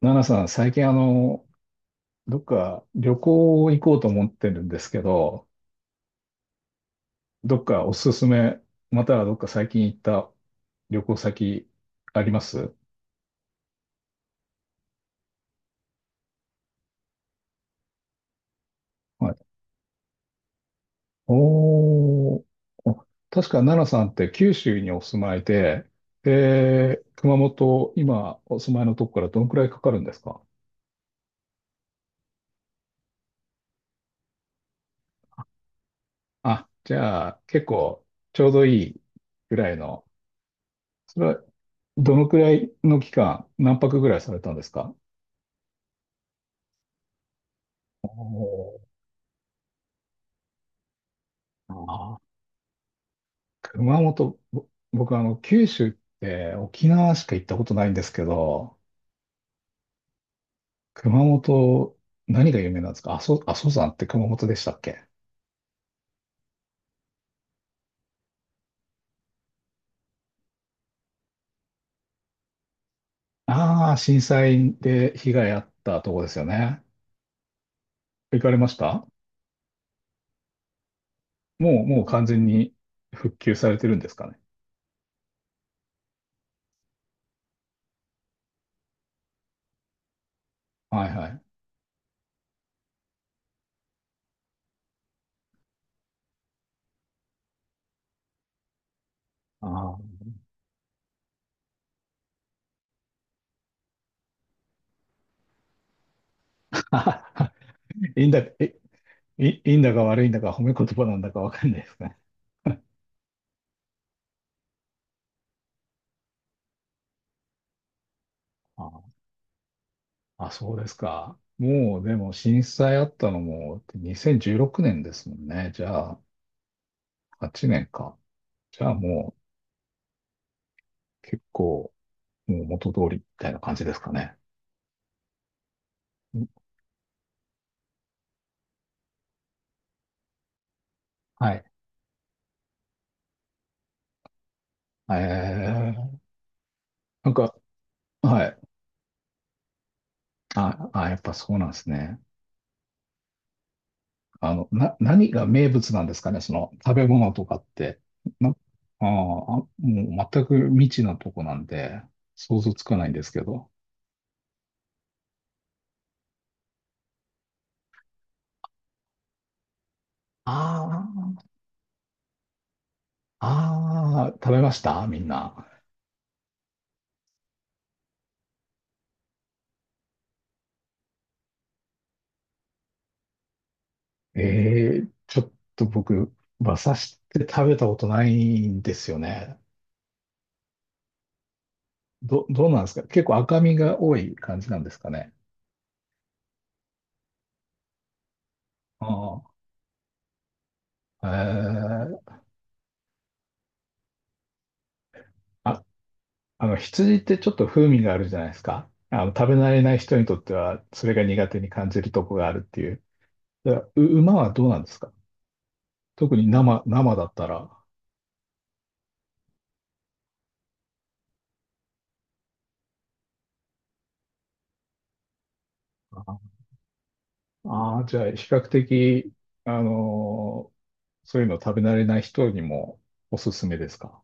ナナさん、最近どっか旅行行こうと思ってるんですけど、どっかおすすめ、またはどっか最近行った旅行先あります？はい。おー、お確かナナさんって九州にお住まいで、で、熊本、今お住まいのとこからどのくらいかかるんですか？あ、じゃあ結構ちょうどいいぐらいの、それはどのくらいの期間、何泊ぐらいされたんですか？おー、あ、熊本、僕九州って沖縄しか行ったことないんですけど、熊本、何が有名なんですか？阿蘇、阿蘇山って熊本でしたっけ？ああー、震災で被害あったとこですよね。行かれました？もう完全に復旧されてるんですかね。はいはい。ああ。いいんだ、いいんだか悪いんだか褒め言葉なんだかわかんないですね。ああ、そうですか。もう、でも震災あったのも2016年ですもんね。じゃあ、8年か。じゃあもう結構、もう元通りみたいな感じですかね。はい。えーなんか、はい。やっぱそうなんですね。何が名物なんですかね、その食べ物とかって。な、あーあ、もう全く未知なとこなんで、想像つかないんですけど。ああ、ああ、食べましたみんな。ええ、ちょっと僕、馬刺しって食べたことないんですよね。どうなんですか？結構赤身が多い感じなんですかね。ああ、ええ、あ、あの、羊ってちょっと風味があるじゃないですか。あの、食べ慣れない人にとっては、それが苦手に感じるとこがあるっていう。だから馬はどうなんですか？特に生だったら。ああー、じゃあ、比較的、あのーそういうの食べ慣れない人にもおすすめですか？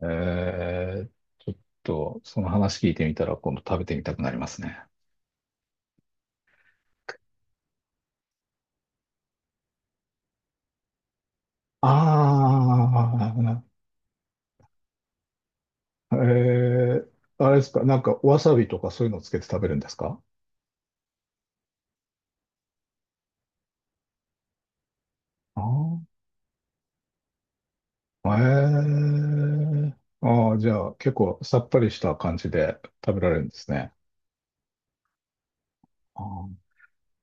えー、ちょっと、その話聞いてみたら、今度食べてみたくなりますね。ああ、あれですか、なんか、わさびとかそういうのつけて食べるんですか？ああ、ええ、ああ、じゃあ、結構さっぱりした感じで食べられるんですね。あー、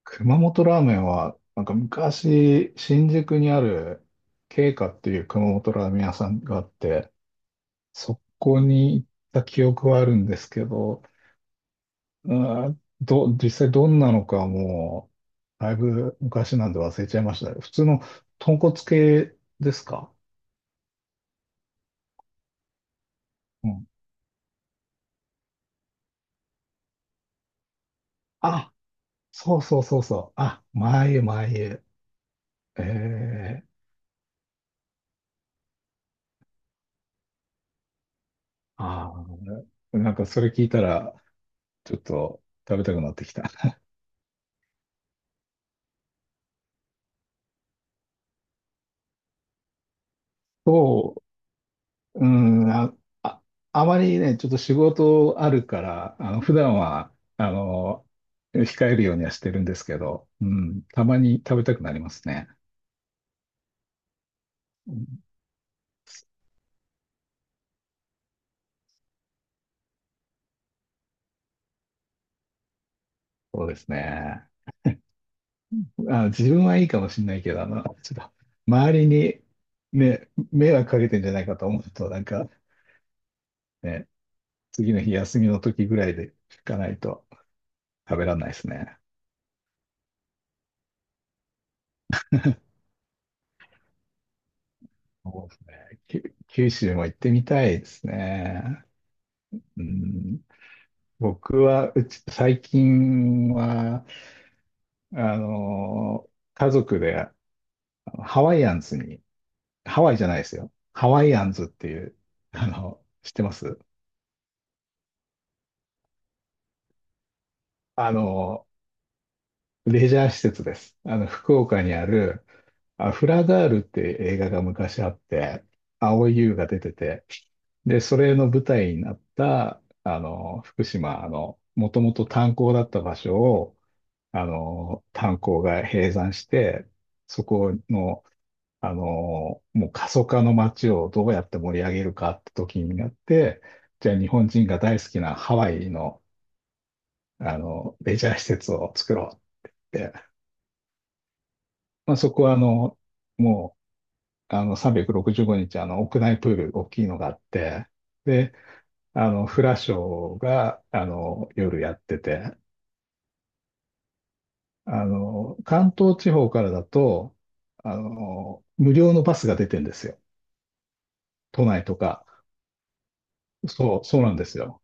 熊本ラーメンは、なんか昔、新宿にある、慶華っていう熊本ラーメン屋さんがあって、そこに行った記憶はあるんですけど、実際どんなのかもう、だいぶ昔なんで忘れちゃいましたね。普通の豚骨系ですか？うん。あ、そうそうそうそう。あ、前へ前へ。ええ、ああー、なんかそれ聞いたら、ちょっと食べたくなってきた。そう、うん、あ、あまりね、ちょっと仕事あるから、あの、普段は、あの、控えるようにはしてるんですけど、うん、たまに食べたくなりますね。そうですね。あ、自分はいいかもしれないけど、あの、ちょっと、周りにね、迷惑かけてんじゃないかと思うと、なんかね、次の日休みの時ぐらいで行かないと食べられないですね。そうですね。九州も行ってみたいですね。うん、僕は、うち、最近は、あの、家族でハワイアンズに、ハワイじゃないですよ。ハワイアンズっていう、あの、知ってます？あの、レジャー施設です。あの、福岡にある、あ、フラガールって映画が昔あって、蒼井優が出てて、で、それの舞台になった、あの、福島、あの、もともと炭鉱だった場所を、あの、炭鉱が閉山して、そこの、あの、もう過疎化の街をどうやって盛り上げるかって時になって、じゃあ日本人が大好きなハワイの、あの、レジャー施設を作ろうって、まあ、そこはあの、もう、あの、365日、あの、屋内プール、大きいのがあって、で、あの、フラショーが、あの、夜やってて、あの、関東地方からだと、あの、無料のバスが出てんですよ。都内とか。そう、そうなんですよ。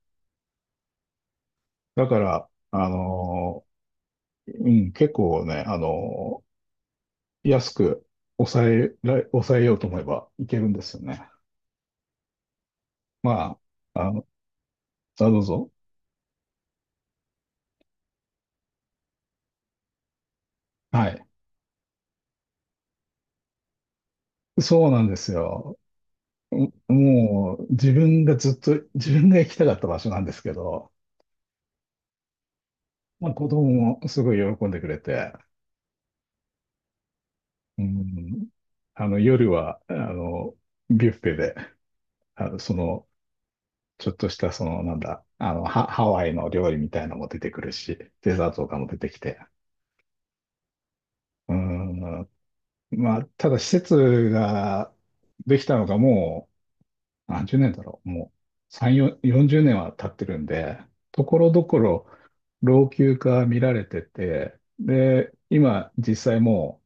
だから、あの、うん、結構ね、あの、安く抑えようと思えばいけるんですよね。まあ、あの、あ、どうぞ。はい。そうなんですよ。もう自分がずっと自分が行きたかった場所なんですけど、まあ、子供もすごい喜んでくれて、うん、あの夜はあのビュッフェであのそのちょっとしたそのなんだあのハ、ハワイの料理みたいなのも出てくるし、デザートとかも出てきて、うん、まあ、ただ施設ができたのがも何十年だろう。もう3、4 40年は経ってるんで、ところどころ老朽化見られてて、で、今実際も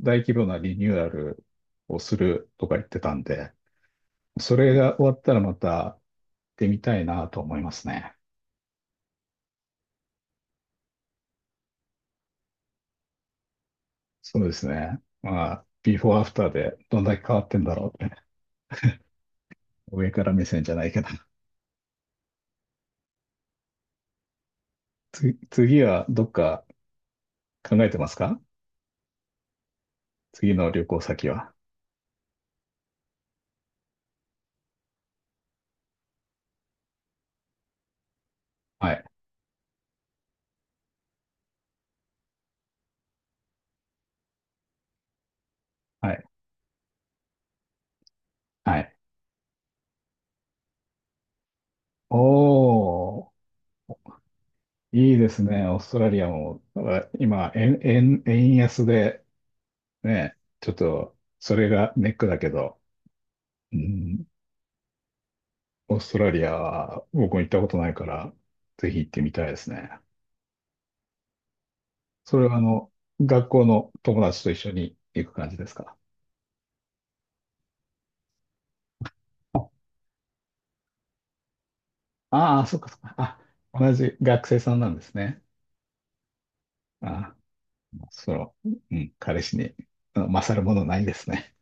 う大規模なリニューアルをするとか言ってたんで、それが終わったらまた行ってみたいなと思いますね。そうですね。まあ、ビフォーアフターでどんだけ変わってんだろうって。上から目線じゃないけど。次はどっか考えてますか？次の旅行先は。はい。はい。はい。おー、いいですね。オーストラリアも、なんか今、円安で、ね、ちょっと、それがネックだけど、うん、オーストラリアは僕も行ったことないから、ぜひ行ってみたいですね。それは、あの、学校の友達と一緒に行く感じですか？ああー、そっかそっか。あ、同じ学生さんなんですね。ああその、うん、彼氏に、あの勝るものないですね。